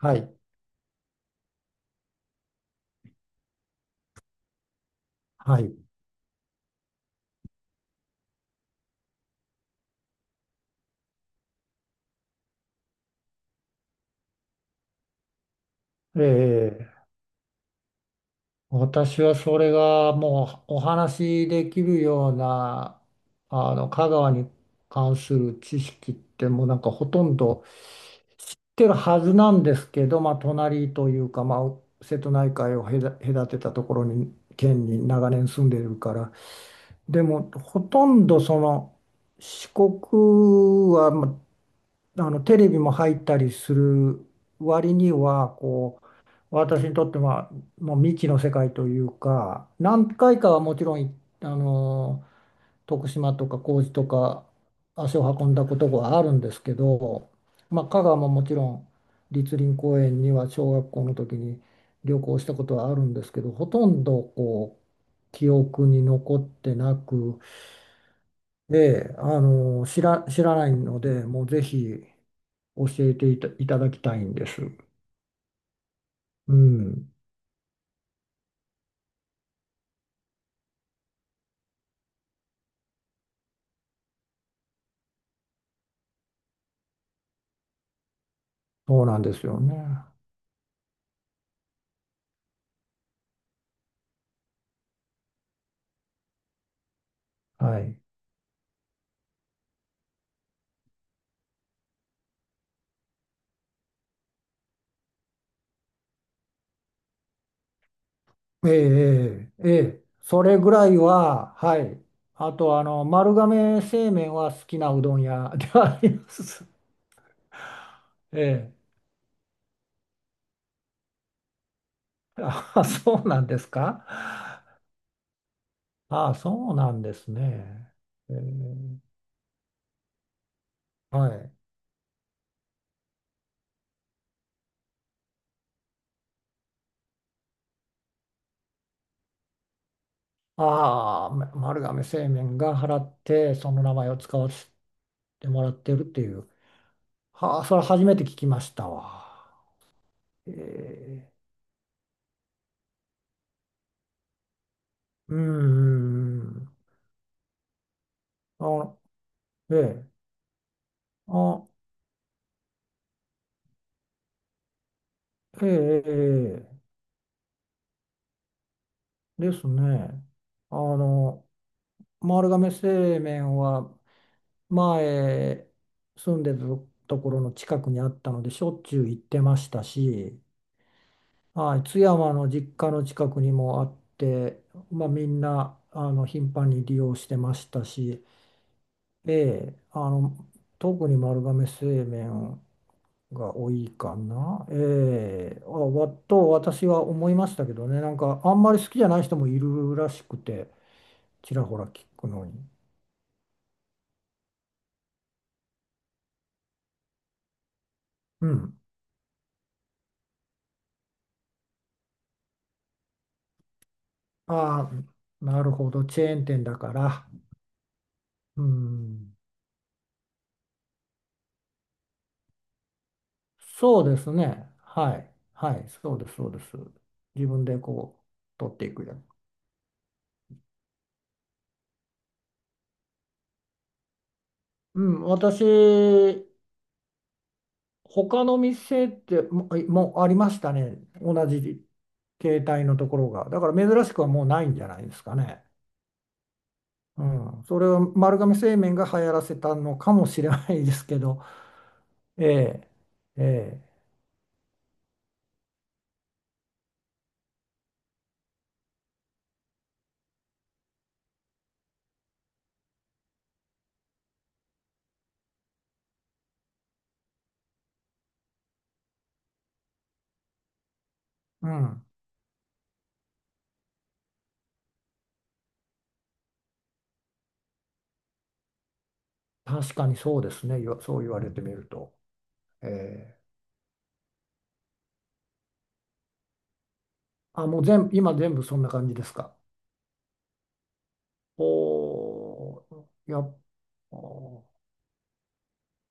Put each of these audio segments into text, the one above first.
はい、はい。ええ、私はそれがもうお話しできるような、香川に関する知識ってもうなんかほとんど知ってるはずなんですけど、まあ、隣というか、まあ、瀬戸内海を隔てたところに、県に長年住んでいるから、でも、ほとんど四国は、まあ、テレビも入ったりする割には、こう、私にとってはもう未知の世界というか何回かはもちろんいあの徳島とか高知とか足を運んだことがあるんですけど、まあ、香川ももちろん栗林公園には小学校の時に旅行したことはあるんですけど、ほとんどこう記憶に残ってなくで、知らないのでもうぜひ教えていた、いただきたいんです。うん、そうなんですよね。はい。ええ、ええ、ええ、それぐらいは、はい。あと、丸亀製麺は好きなうどん屋 ではあります。ええ。あ、そうなんですか。あ、そうなんですね。ええ、はい。ああ、ま、丸亀製麺が払って、その名前を使わせてもらってるっていう。はあ、それ初めて聞きましたわ。ええ、うん、うんうん、あ、ええ、あ、ええ、ええ。ですね。あの、丸亀製麺は前住んでたところの近くにあったのでしょっちゅう行ってましたし、はい、津山の実家の近くにもあって、まあ、みんな、あの、頻繁に利用してましたし、ええ、特に丸亀製麺が多いかな、ええ、あ、わと私は思いましたけどね、なんかあんまり好きじゃない人もいるらしくて。ちらほら聞くのに。うん。ああ、なるほど。チェーン店だから。うん。そうですね。はい。はい。そうです。そうです。自分でこう、取っていくやつ。うん。私、他の店っても、もうありましたね。同じ携帯のところが。だから珍しくはもうないんじゃないですかね。うん。それは丸亀製麺が流行らせたのかもしれないですけど。ええ。ええ。うん。確かにそうですね。よ、そう言われてみると。ええ、あ、もう全部、今全部そんな感じですか。おー、やっぱ、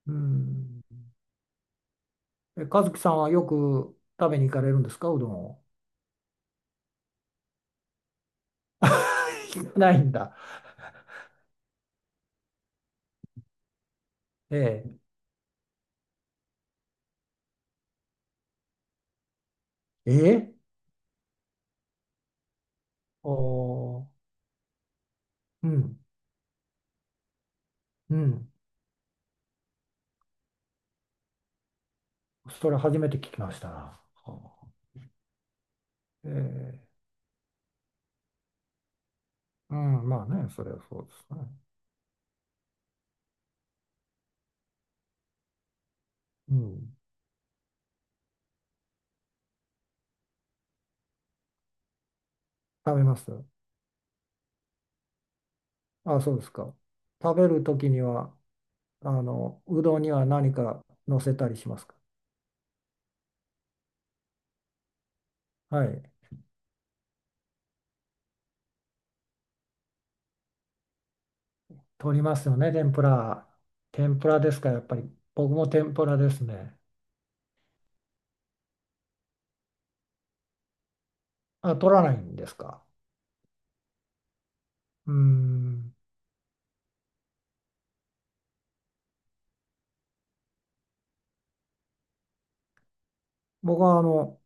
うん。え、和樹さんはよく食べに行かれるんですか、うどんを。行かないんだ。ええ、え、おー、うん、うん。それ初めて聞きましたな。はあ、ええ、うん、まあね、それはそうですね。うん、食べます。あ、そうですか。食べるときには、うどんには何か乗せたりしますか。はい。取りますよね、天ぷら。天ぷらですか、やっぱり。僕も天ぷらですね。あ、取らないんですか。うーん。僕は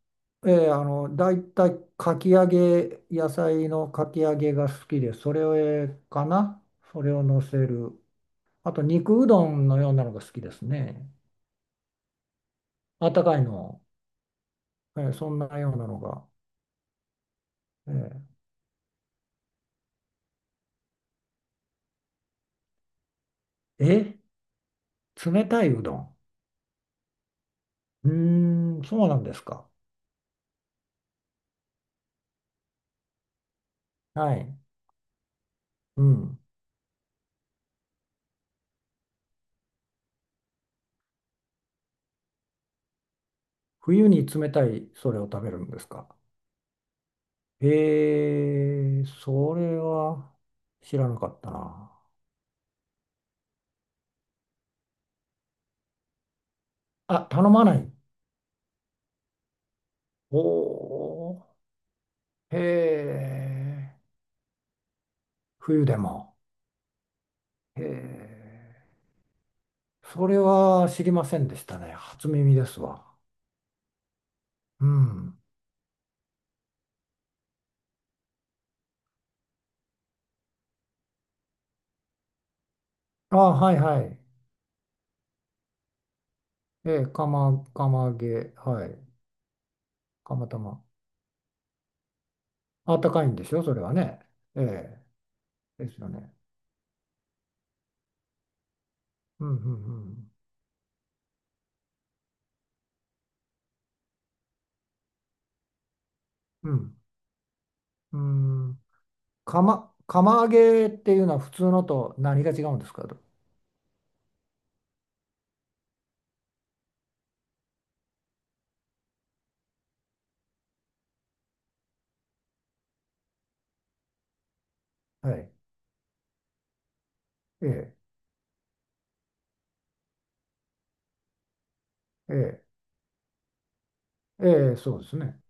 ええ、だいたいかき揚げ、野菜のかき揚げが好きで、それを、かな。それを乗せる。あと、肉うどんのようなのが好きですね。あったかいの。ええ、そんなようなのが。え、ええ、冷たいうどん。うーん、そうなんですか。はい。うん。冬に冷たいそれを食べるんですか。へえ、それは知らなかったな。あ、頼まない。おー、へえ、冬でも。へえ、それは知りませんでしたね。初耳ですわ。うん。あ、はいはい。ええ、釜、釜揚げ、はい。釜玉。あったかいんでしょ、それはね。ええ、ですよね。うん、うん、うん。うん。うん。釜、釜揚げっていうのは普通のと何が違うんですかと。はい。ええ、ええ、ええ、そうですね。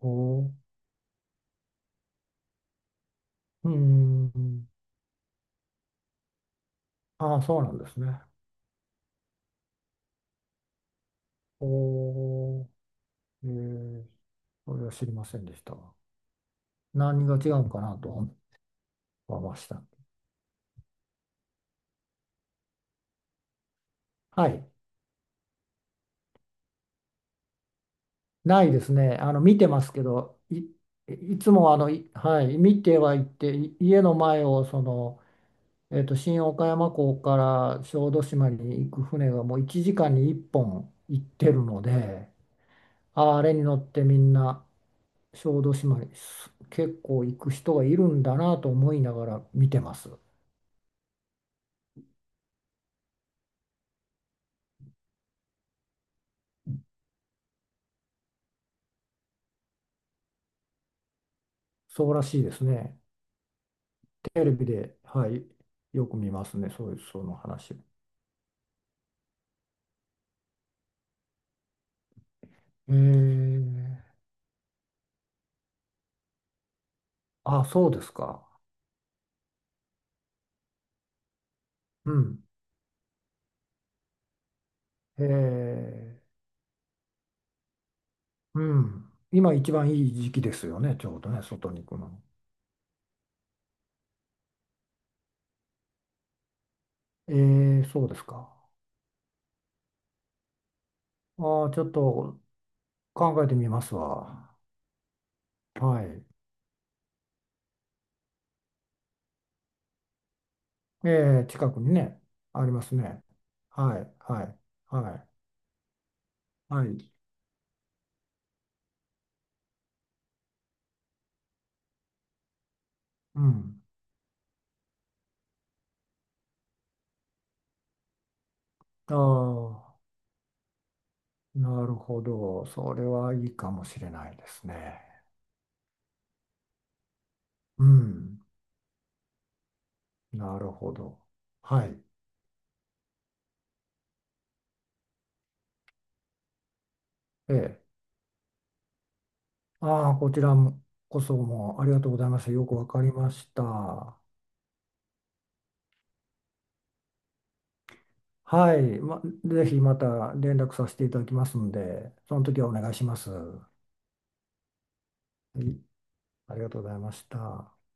おお。うん。ああ、そうなんですね。おお。ええ、それは知りませんでしたわ。何が違うのかなと思いました。はい。ないですね。見てますけど、いつもはい、見てはいって、家の前をその、新岡山港から小豆島に行く船がもう1時間に1本行ってるので、あれに乗ってみんな小豆島に結構行く人がいるんだなと思いながら見てます。そうらしいですね。テレビで、はい、よく見ますね、そういう、その話。えー、あ、そうですか。うん。えー、うん。今一番いい時期ですよね、ちょうどね、外に行くの。えー、そうですか。ああ、ちょっと考えてみますわ。はい。えー、近くにね、ありますね。はい、はい、はい、はい。うん。ああ、なるほど。それはいいかもしれないですね。うん。なるほど。はい。ええ。ああ、こちらもこそもありがとうございました。よくわかりました。はい。ま、ぜひまた連絡させていただきますので、その時はお願いします。はい。ありがとうございました。